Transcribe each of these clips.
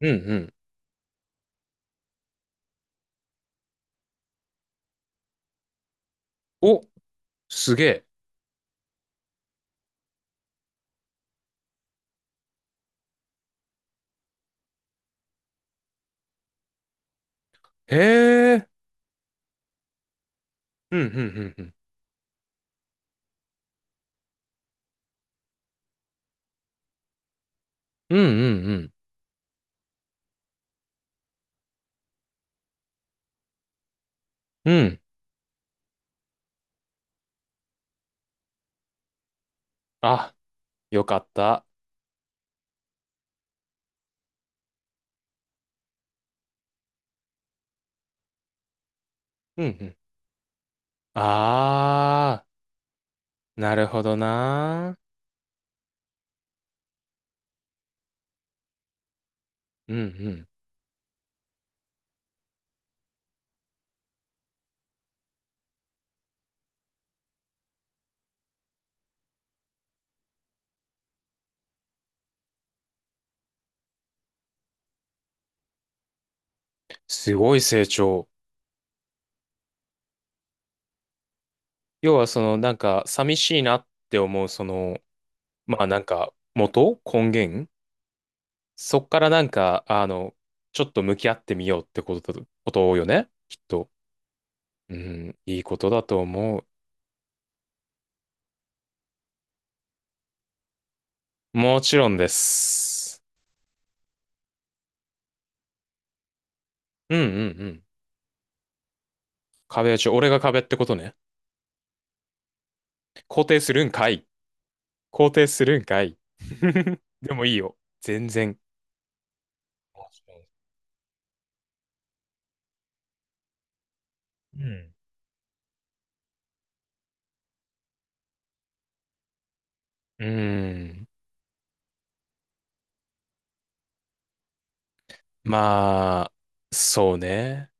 うんうん。お、すげえ。へえ。うんうんうんうん。うんうんうん。うん。あ、よかった。うんうん。あー、なるほどな。うんうん。すごい成長。要はそのなんか寂しいなって思うその、まあなんか元根源そっからなんか、あの、ちょっと向き合ってみようってことよね。きっと。うん、いいことだと思う。もちろんです。うんうんうん。壁打ち、俺が壁ってことね。肯定するんかい。肯定するんかい。でもいいよ。全然。うん。うーん。まあ、そうね。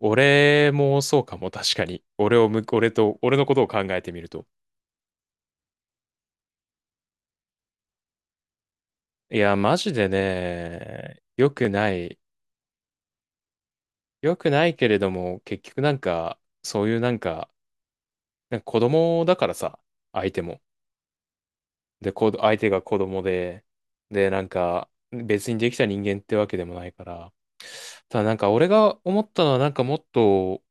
俺もそうかも、確かに。俺をむ、俺と、俺のことを考えてみると。いや、マジでね、良くない。良くないけれども、結局なんか、そういうなんか、なんか子供だからさ、相手も。で、相手が子供で、で、なんか、別にできた人間ってわけでもないから、ただなんか俺が思ったのはなんかもっと、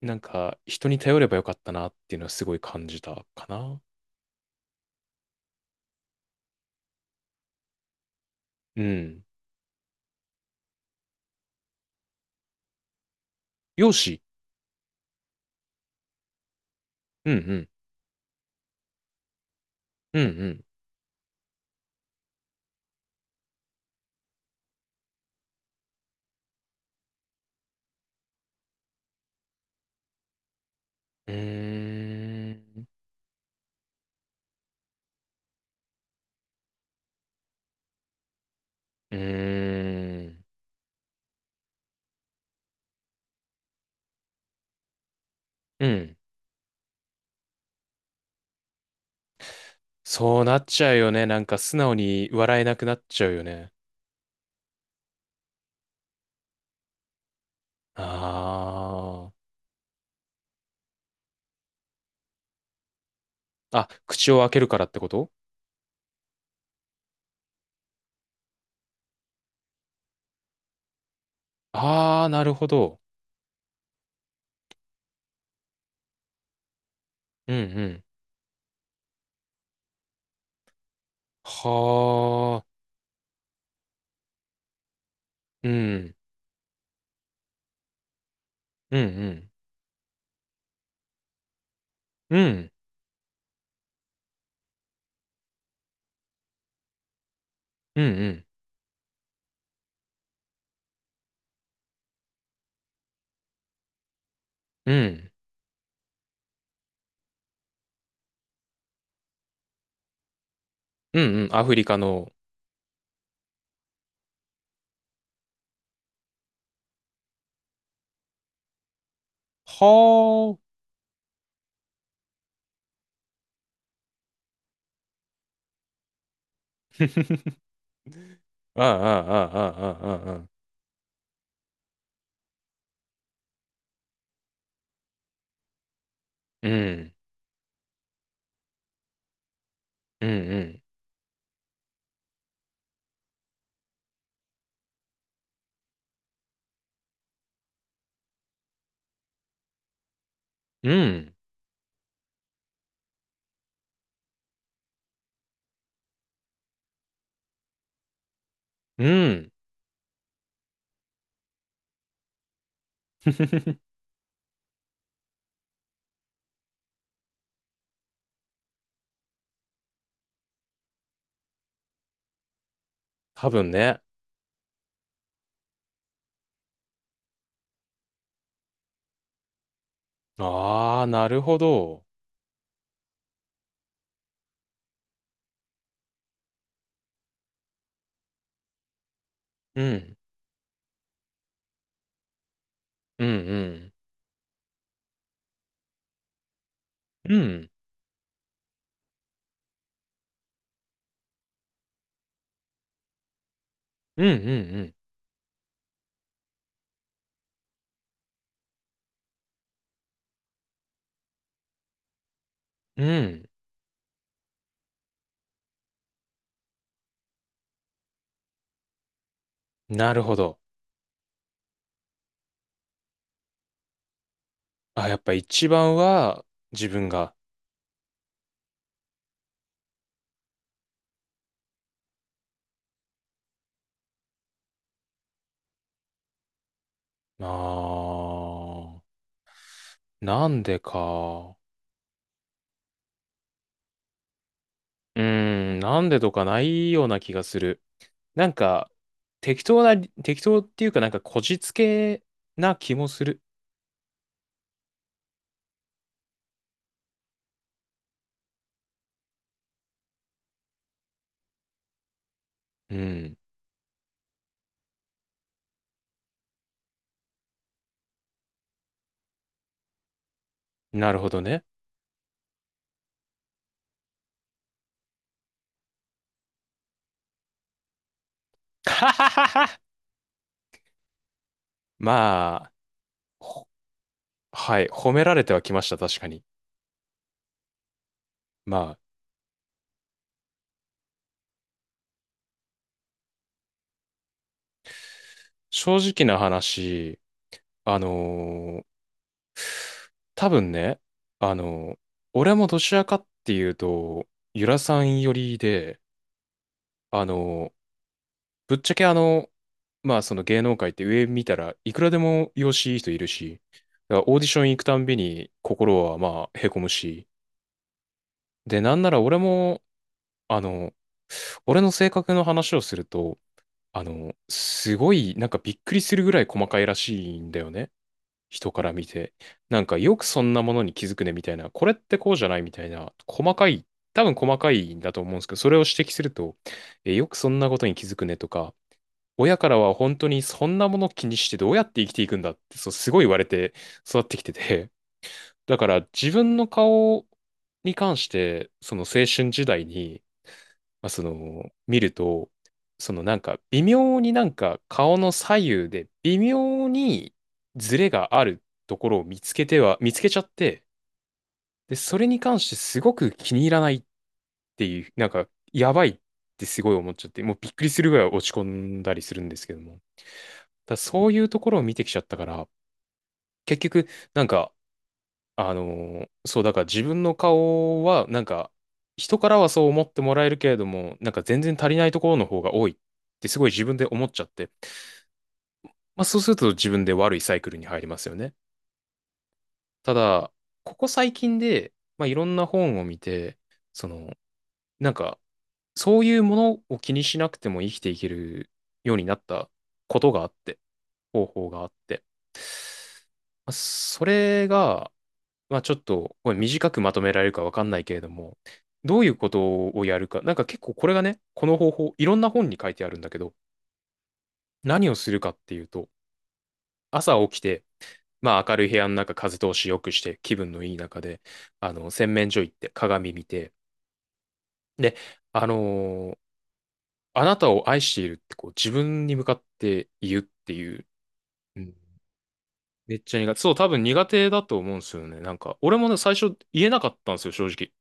なんか人に頼ればよかったなっていうのはすごい感じたかな。うん。容姿。うんうん。うんうん。うーん。うーん。うん。そうなっちゃうよね。なんか素直に笑えなくなっちゃうよね。ああ。あ、口を開けるからってこと。ああー、なるほど。うんうん。はあ、うん、うん、うん、うん、うん、うん、うん、うん、うん、アフリカの。はあ。ああ、ああ、ああ、ああ、ああ。うん、うん、うん、うん、うん。多分ね。ああ、なるほど。うん、うん、うん、うん、うん、うん、うん、うん。なるほど。あ、やっぱ一番は自分が。ああ、なんでか。うーん、なんでとかないような気がする。なんか、適当な、適当っていうかなんかこじつけな気もする。うん。なるほどね。ははははまあ、ほはい、褒められてはきました、確かに。まあ、正直な話、あのー多分ね、あのー俺もどちらかっていうと、ゆらさん寄りで、あのーぶっちゃけまあその芸能界って上見たらいくらでも容姿いい人いるし、だからオーディション行くたんびに心はまあへこむし、で、なんなら俺も、あの、俺の性格の話をすると、すごいなんかびっくりするぐらい細かいらしいんだよね。人から見て。なんかよくそんなものに気づくねみたいな、これってこうじゃないみたいな、細かい、多分細かいんだと思うんですけど、それを指摘すると、え、よくそんなことに気づくねとか、親からは本当にそんなもの気にしてどうやって生きていくんだって、そう、すごい言われて育ってきてて、だから自分の顔に関して、その青春時代に、まあ、見ると、そのなんか微妙になんか顔の左右で微妙にズレがあるところを見つけては、見つけちゃって、で、それに関してすごく気に入らないっっていう、なんか、やばいってすごい思っちゃって、もうびっくりするぐらい落ち込んだりするんですけども。だそういうところを見てきちゃったから、結局、なんか、あのそう、だから自分の顔は、なんか、人からはそう思ってもらえるけれども、なんか全然足りないところの方が多いってすごい自分で思っちゃって、まあそうすると自分で悪いサイクルに入りますよね。ただ、ここ最近で、まあいろんな本を見て、その、なんか、そういうものを気にしなくても生きていけるようになったことがあって、方法があって。まあそれが、まあちょっとこれ短くまとめられるかわかんないけれども、どういうことをやるか、なんか結構これがね、この方法、いろんな本に書いてあるんだけど、何をするかっていうと、朝起きて、まあ明るい部屋の中、風通し良くして、気分のいい中で、洗面所行って、鏡見て、で、あのーあなたを愛しているってこう自分に向かって言うっていう。うん。めっちゃ苦手。そう、多分苦手だと思うんですよね。なんか、俺もね、最初言えなかったんですよ、正直。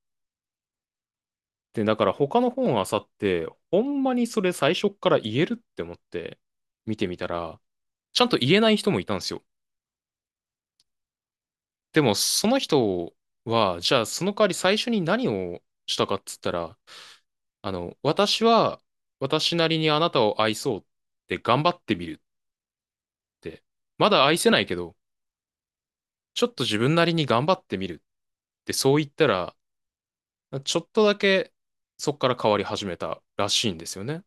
で、だから他の本あさって、ほんまにそれ最初っから言えるって思って見てみたら、ちゃんと言えない人もいたんですよ。でも、その人は、じゃあその代わり最初に何をしたかっつったら、私は私なりにあなたを愛そうって頑張ってみるって、まだ愛せないけど、ちょっと自分なりに頑張ってみるってそう言ったら、ちょっとだけそこから変わり始めたらしいんですよね。